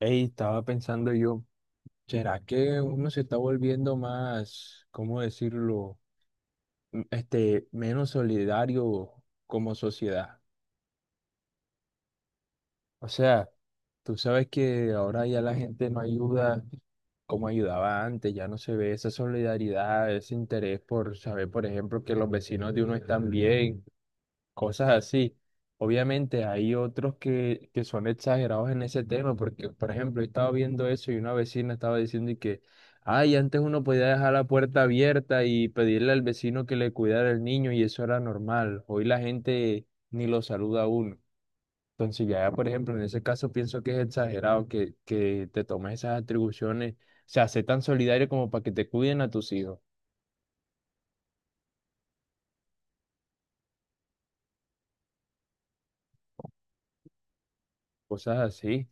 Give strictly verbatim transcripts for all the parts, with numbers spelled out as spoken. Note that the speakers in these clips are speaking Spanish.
Ey, estaba pensando yo, ¿será que uno se está volviendo más, cómo decirlo, m- este, menos solidario como sociedad? O sea, tú sabes que ahora ya la gente no ayuda como ayudaba antes, ya no se ve esa solidaridad, ese interés por saber, por ejemplo, que los vecinos de uno están bien, cosas así. Obviamente hay otros que, que son exagerados en ese tema, porque por ejemplo, he estado viendo eso y una vecina estaba diciendo y que, ay, antes uno podía dejar la puerta abierta y pedirle al vecino que le cuidara el niño y eso era normal. Hoy la gente ni lo saluda a uno. Entonces ya, por ejemplo, en ese caso pienso que es exagerado que, que te tomes esas atribuciones, o sea, sé tan solidario como para que te cuiden a tus hijos, cosas así.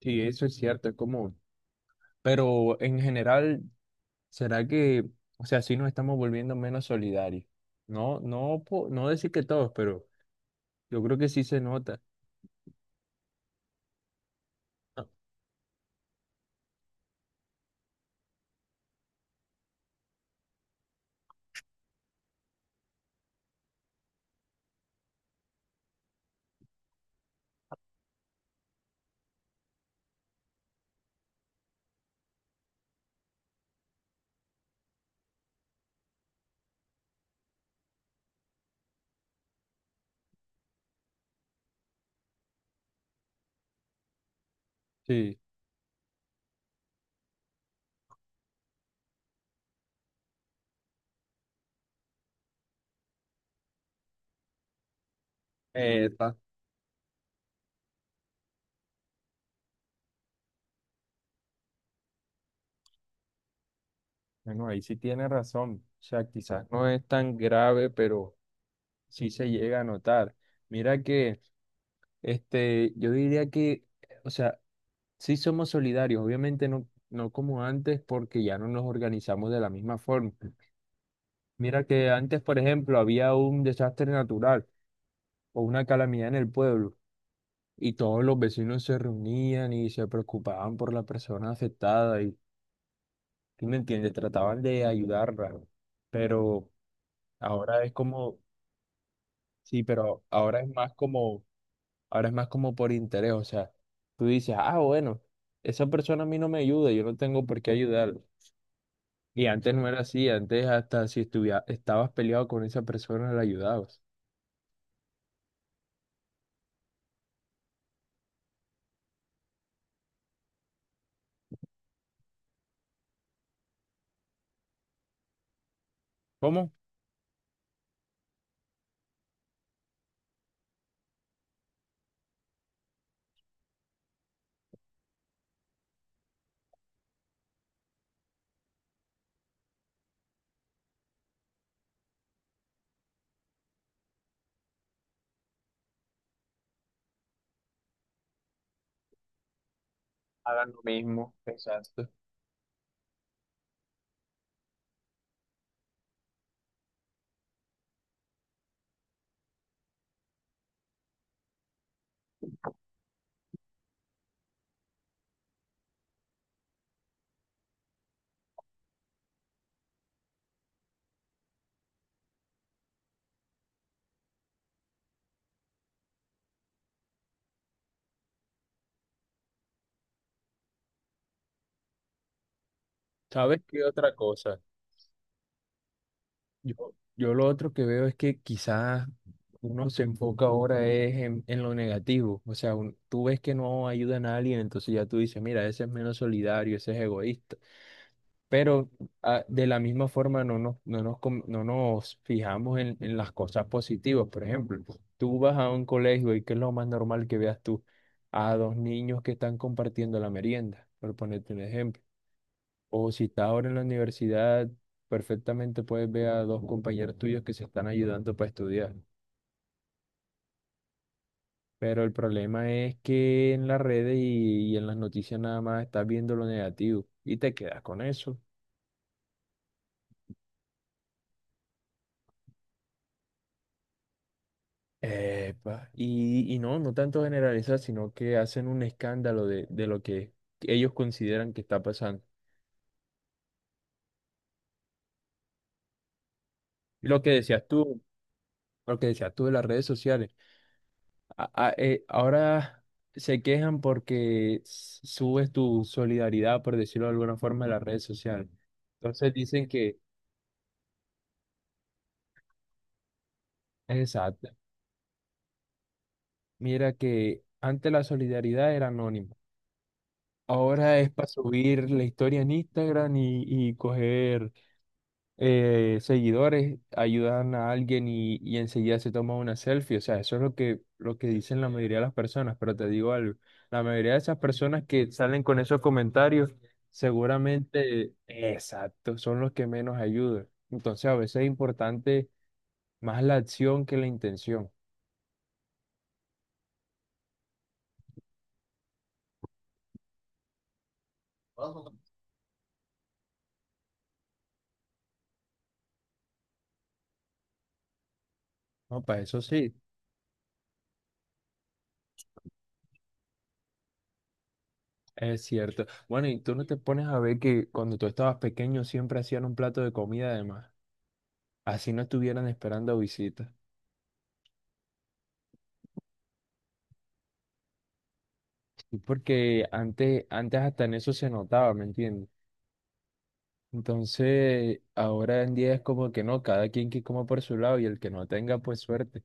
Sí, eso es cierto, es como... Pero en general, ¿será que, o sea, sí nos estamos volviendo menos solidarios? No, no, po- no decir que todos, pero yo creo que sí se nota. Ah, sí. Epa. Bueno, ahí sí tiene razón. O sea, quizás no es tan grave, pero sí se llega a notar. Mira que, este, yo diría que, o sea, sí somos solidarios, obviamente no, no como antes, porque ya no nos organizamos de la misma forma. Mira que antes, por ejemplo, había un desastre natural o una calamidad en el pueblo, y todos los vecinos se reunían y se preocupaban por la persona afectada y, ¿sí me entiendes? Trataban de ayudarla, pero ahora es como, sí, pero ahora es más como, ahora es más como por interés, o sea, tú dices, ah, bueno, esa persona a mí no me ayuda, yo no tengo por qué ayudarla. Y antes no era así, antes hasta si estuviera, estabas peleado con esa persona la ayudabas. ¿Cómo? Hagan lo mismo, exacto. ¿Sabes qué otra cosa? Yo, yo lo otro que veo es que quizás uno se enfoca ahora es en, en lo negativo. O sea, un- tú ves que no ayuda a nadie, entonces ya tú dices, mira, ese es menos solidario, ese es egoísta. Pero ah, de la misma forma no nos, no nos, com- no nos fijamos en, en las cosas positivas. Por ejemplo, tú vas a un colegio y ¿qué es lo más normal que veas tú? A dos niños que están compartiendo la merienda, por ponerte un ejemplo. O si estás ahora en la universidad, perfectamente puedes ver a dos compañeros tuyos que se están ayudando para estudiar. Pero el problema es que en las redes y, y en las noticias nada más estás viendo lo negativo y te quedas con eso. Epa. Y, y no, no tanto generalizar, sino que hacen un escándalo de, de lo que ellos consideran que está pasando. Lo que decías tú, lo que decías tú de las redes sociales. A- a- eh, ahora se quejan porque s- subes tu solidaridad, por decirlo de alguna forma, en las redes sociales. Entonces dicen que, exacto, mira que antes la solidaridad era anónima. Ahora es para subir la historia en Instagram y, y coger eh, seguidores, ayudan a alguien y, y enseguida se toma una selfie. O sea, eso es lo que, lo que dicen la mayoría de las personas, pero te digo algo, la mayoría de esas personas que salen con esos comentarios, seguramente, exacto, son los que menos ayudan. Entonces, a veces es importante más la acción que la intención. No, para eso sí, es cierto. Bueno, ¿y tú no te pones a ver que cuando tú estabas pequeño siempre hacían un plato de comida además, así no estuvieran esperando visitas? Y porque antes, antes hasta en eso se notaba, ¿me entiendes? Entonces, ahora en día es como que no, cada quien que coma por su lado y el que no tenga, pues suerte.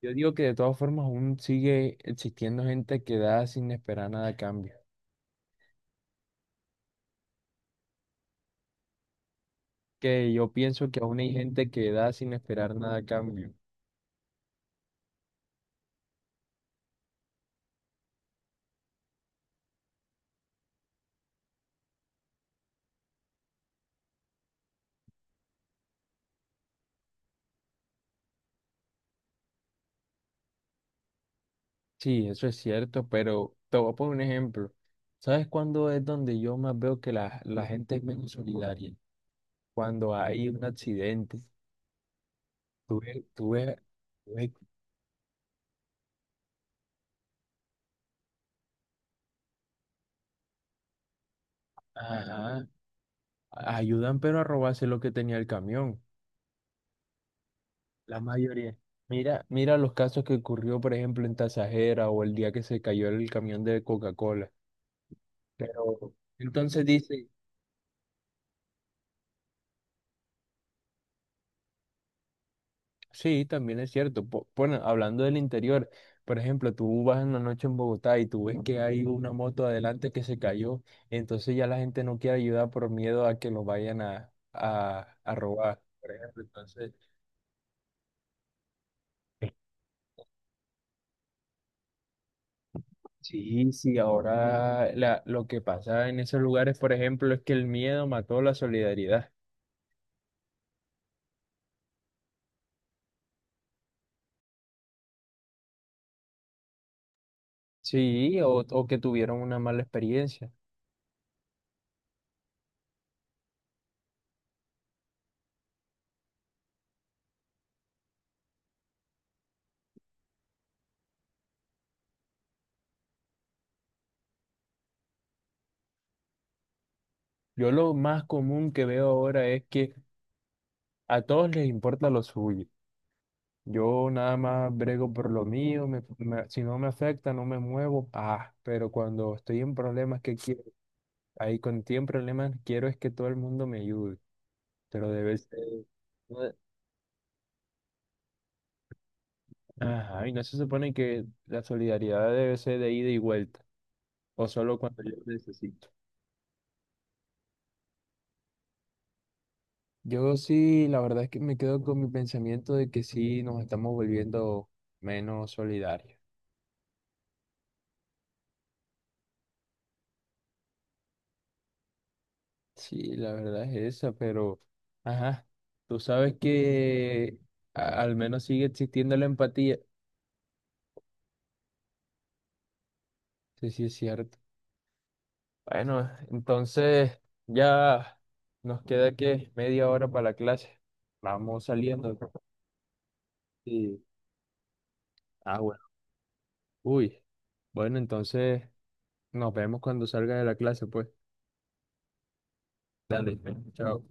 Yo digo que de todas formas aún sigue existiendo gente que da sin esperar nada a cambio. Que yo pienso que aún hay gente que da sin esperar nada a cambio. Sí, eso es cierto, pero te voy a poner un ejemplo. ¿Sabes cuándo es donde yo más veo que la, la gente es menos solidaria? Cuando hay un accidente. Tú ves, tú ves- tú ves Ajá, ayudan pero a robarse lo que tenía el camión, la mayoría. Mira, mira los casos que ocurrió, por ejemplo, en Tasajera o el día que se cayó el camión de Coca-Cola. Pero entonces dice, sí, también es cierto. Po- Bueno, hablando del interior, por ejemplo, tú vas en la noche en Bogotá y tú ves que hay una moto adelante que se cayó, entonces ya la gente no quiere ayudar por miedo a que lo vayan a, a, a robar, por ejemplo. Entonces sí, sí, ahora la- lo que pasa en esos lugares, por ejemplo, es que el miedo mató la solidaridad. Sí, o, o que tuvieron una mala experiencia. Yo lo más común que veo ahora es que a todos les importa lo suyo. Yo nada más brego por lo mío, me- me- si no me afecta, no me muevo. Ah, pero cuando estoy en problemas que quiero, ahí con tiempo problemas quiero es que todo el mundo me ayude. Pero debe ser, no de- ajá, y no se supone que la solidaridad debe ser de ida y vuelta, o solo cuando yo necesito. Yo sí, la verdad es que me quedo con mi pensamiento de que sí nos estamos volviendo menos solidarios. Sí, la verdad es esa, pero, ajá, tú sabes que a- al menos sigue existiendo la empatía. Sí, sí, es cierto. Bueno, entonces ya nos queda que media hora para la clase. Vamos saliendo. Sí. Ah, bueno. Uy. Bueno, entonces nos vemos cuando salga de la clase, pues. Dale, chao.